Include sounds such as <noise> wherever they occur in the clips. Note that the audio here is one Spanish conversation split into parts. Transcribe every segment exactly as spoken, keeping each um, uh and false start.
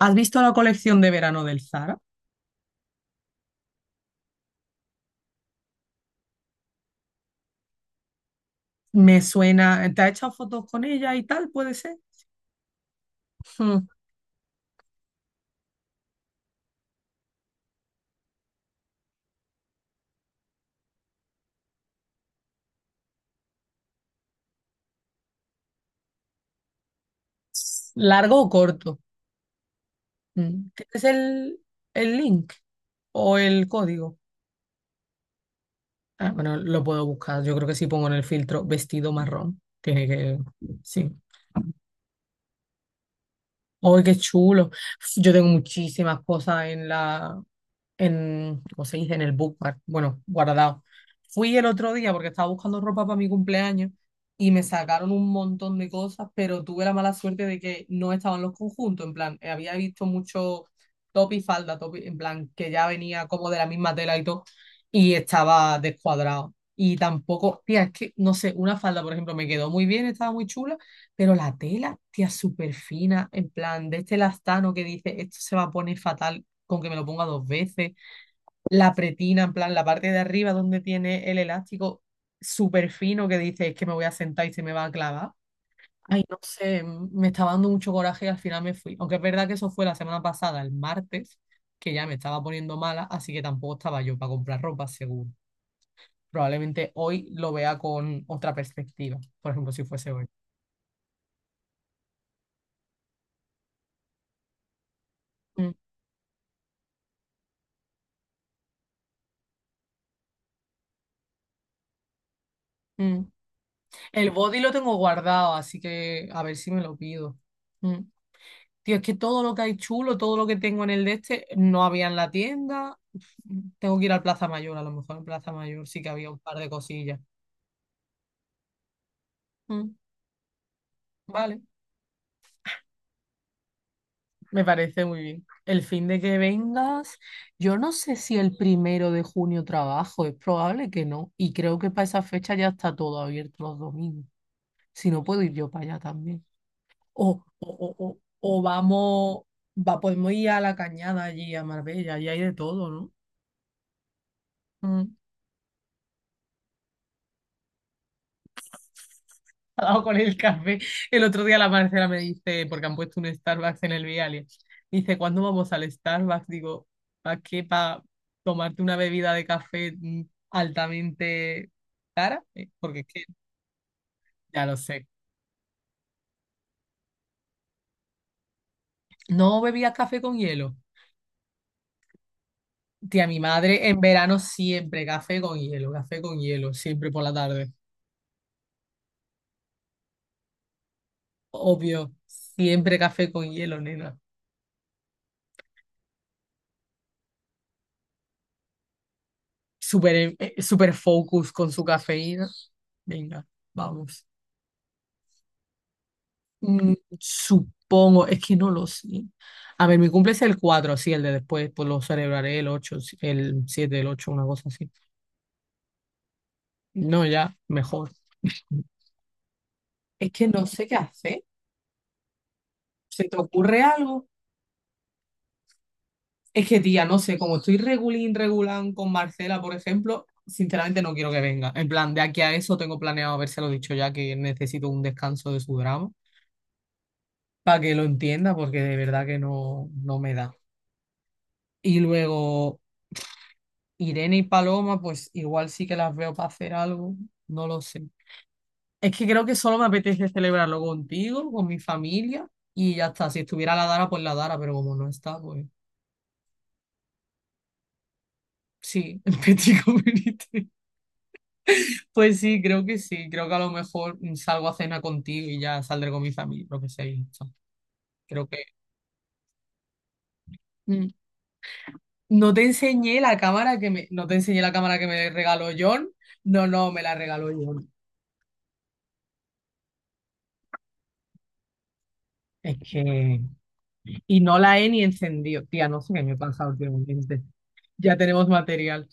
¿Has visto la colección de verano del Zara? Me suena, ¿te has echado fotos con ella y tal? ¿Puede ser? Mm. ¿Largo o corto? Mm. ¿Tienes el, el link o el código? Ah, bueno, lo puedo buscar. Yo creo que si pongo en el filtro vestido marrón, tiene que. Sí. ¡Ay, qué chulo! Yo tengo muchísimas cosas en la, en, ¿cómo se dice? En el bookmark, bueno, guardado. Fui el otro día porque estaba buscando ropa para mi cumpleaños y me sacaron un montón de cosas, pero tuve la mala suerte de que no estaban los conjuntos, en plan, eh, había visto mucho top y falda, top y- en plan, que ya venía como de la misma tela y todo, y estaba descuadrado. Y tampoco, tía, es que, no sé, una falda, por ejemplo, me quedó muy bien, estaba muy chula, pero la tela, tía, súper fina, en plan, de este lastano que dice, esto se va a poner fatal con que me lo ponga dos veces, la pretina, en plan, la parte de arriba donde tiene el elástico súper fino que dice es que me voy a sentar y se me va a clavar. Ay, no sé, me estaba dando mucho coraje y al final me fui. Aunque es verdad que eso fue la semana pasada, el martes, que ya me estaba poniendo mala, así que tampoco estaba yo para comprar ropa, seguro. Probablemente hoy lo vea con otra perspectiva, por ejemplo, si fuese hoy. Mm, mm. El body lo tengo guardado, así que a ver si me lo pido. Mm. Tío, es que todo lo que hay chulo, todo lo que tengo en el de este, no había en la tienda. Tengo que ir al Plaza Mayor, a lo mejor en Plaza Mayor sí que había un par de cosillas. Mm, vale, me parece muy bien. El fin de que vengas, yo no sé si el primero de junio trabajo, es probable que no. Y creo que para esa fecha ya está todo abierto los domingos. Si no, puedo ir yo para allá también. O, o, o, o- o vamos, va, podemos ir a la cañada allí, a Marbella, y hay de todo, ¿no? <laughs> dado con el café. El otro día la Marcela me dice, porque han puesto un Starbucks en el Vialia, dice, ¿cuándo vamos al Starbucks? Digo, ¿para qué? ¿Para tomarte una bebida de café mm, altamente cara? Eh, Porque es que, ya lo sé. No bebías café con hielo. Tía, mi madre en verano siempre café con hielo, café con hielo, siempre por la tarde. Obvio, siempre café con hielo, nena. Súper, eh, súper focus con su cafeína. Venga, vamos. Mm, Supongo, es que no lo sé. A ver, mi cumple es el cuatro sí, el de después, pues lo celebraré el ocho sí, el siete el ocho una cosa así. No, ya, mejor. Es que no sé qué hacer. ¿Se te ocurre algo? Es que, tía, no sé, como estoy regulín, regulán con Marcela, por ejemplo, sinceramente no quiero que venga. En plan, de aquí a eso tengo planeado habérselo dicho ya que necesito un descanso de su drama para que lo entienda, porque de verdad que no, no me da. Y luego, Irene y Paloma, pues igual sí que las veo para hacer algo, no lo sé. Es que creo que solo me apetece celebrarlo contigo, con mi familia y ya está. Si estuviera la Dara, pues la Dara, pero como no está, pues sí, el <laughs> petit comité. Pues sí, creo que sí. Creo que a lo mejor mm, salgo a cena contigo y ya saldré con mi familia, lo que sea. Y ya está. Creo que mm, no te enseñé la cámara que me, no te enseñé la cámara que me regaló John. No, no, me la regaló John. Es que. Y no la he ni encendido. Tía, no sé qué me he pasado últimamente. Ya tenemos material.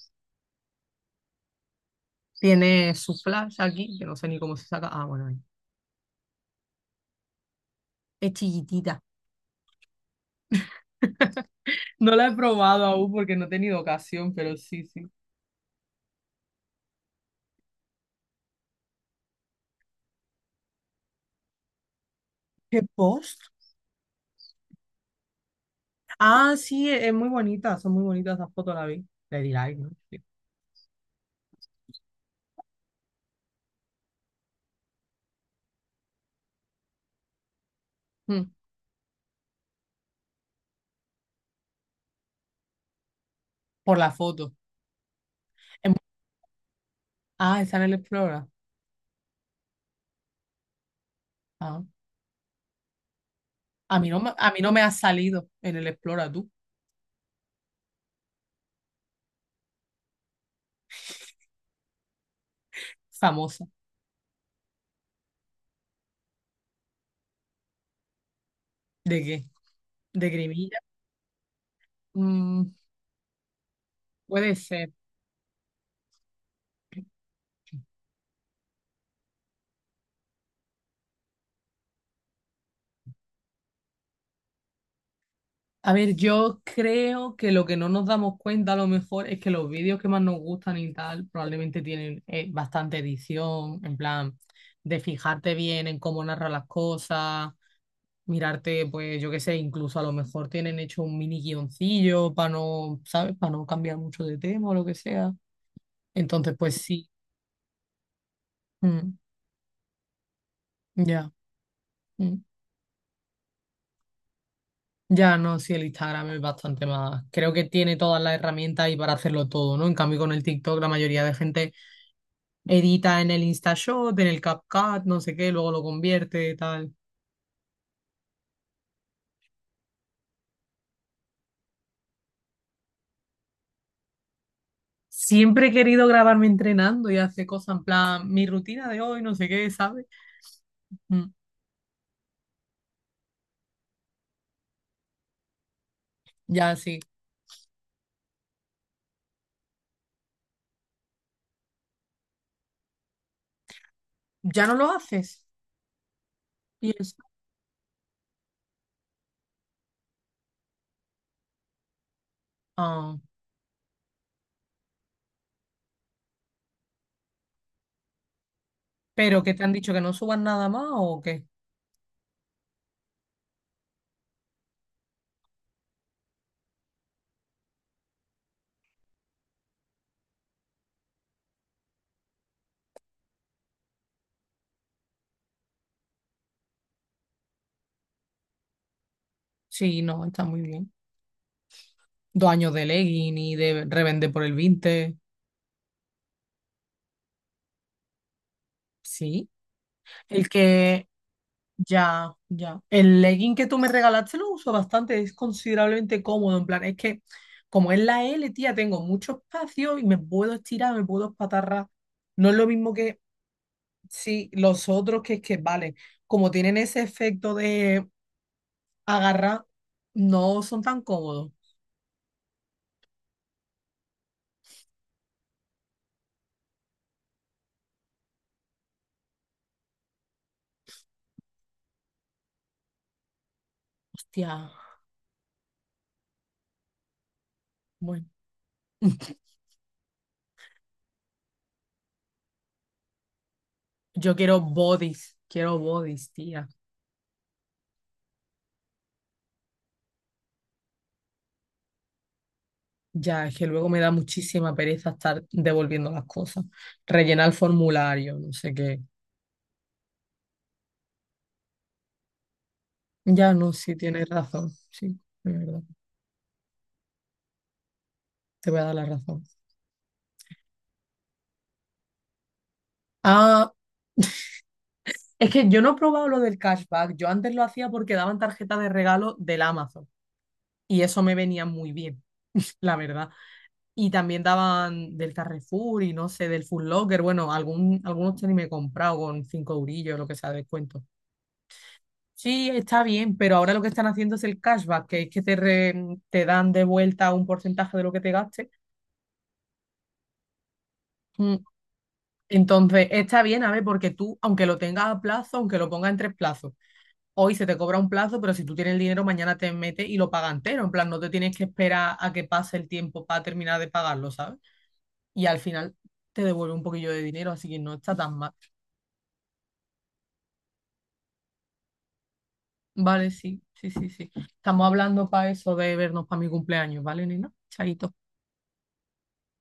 Tiene su flash aquí, que no sé ni cómo se saca. Ah, bueno, ahí. Es chiquitita. <laughs> No la he probado aún porque no he tenido ocasión, pero sí, sí. ¿Qué post? Ah, sí, es es muy bonita. Son muy bonitas las fotos, la vi. Le di like, ¿no? Sí. Mm, por la foto. Es mu- Ah, está en el Explora. Ah. A mí no me, a mí no me ha salido en el Explora, tú. Famosa. ¿De qué? ¿De Grimilla? Mm, Puede ser. A ver, yo creo que lo que no nos damos cuenta a lo mejor es que los vídeos que más nos gustan y tal probablemente tienen eh, bastante edición, en plan de fijarte bien en cómo narra las cosas, mirarte, pues yo qué sé, incluso a lo mejor tienen hecho un mini guioncillo para no, ¿sabes? Para no cambiar mucho de tema o lo que sea. Entonces, pues sí, mm, ya, mm. Ya no, sí, el Instagram es bastante más. Creo que tiene todas las herramientas y para hacerlo todo, ¿no? En cambio, con el TikTok, la mayoría de gente edita en el InstaShot, en el CapCut, no sé qué, luego lo convierte, tal. Siempre he querido grabarme entrenando y hacer cosas en plan, mi rutina de hoy, no sé qué, ¿sabes? Mm, ya sí. ¿Ya no lo haces? Y es- Ah, ¿pero qué te han dicho que no subas nada más o qué? Sí, no, está muy bien. Dos años de legging y de revender por el veinte. Sí. El que Ya, ya. El legging que tú me regalaste lo uso bastante, es considerablemente cómodo. En plan, es que como es la L, tía, tengo mucho espacio y me puedo estirar, me puedo espatarrar. No es lo mismo que sí, los otros, que es que, vale, como tienen ese efecto de agarrar, no son tan cómodos. Hostia, bueno. <laughs> Yo quiero bodies, quiero bodies, tía. Ya, es que luego me da muchísima pereza estar devolviendo las cosas. Rellenar el formulario, no sé qué. Ya no, sí, tienes razón. Sí, es verdad. Te voy a dar la razón. Ah, es que yo no he probado lo del cashback. Yo antes lo hacía porque daban tarjetas de regalo del Amazon y eso me venía muy bien, <laughs> la verdad. Y también daban del Carrefour y no sé, del Foot Locker. Bueno, algún, algunos tenis me he comprado con cinco eurillos, lo que sea, de descuento. Sí, está bien, pero ahora lo que están haciendo es el cashback, que es que te, re- te dan de vuelta un porcentaje de lo que te gastes. mm, Entonces, está bien, a ver, porque tú, aunque lo tengas a plazo, aunque lo pongas en tres plazos, hoy se te cobra un plazo, pero si tú tienes el dinero, mañana te metes y lo pagas entero. En plan, no te tienes que esperar a que pase el tiempo para terminar de pagarlo, ¿sabes? Y al final te devuelve un poquillo de dinero, así que no está tan mal. Vale, sí, sí, sí, sí. Estamos hablando para eso de vernos para mi cumpleaños, ¿vale, nena? Chaito.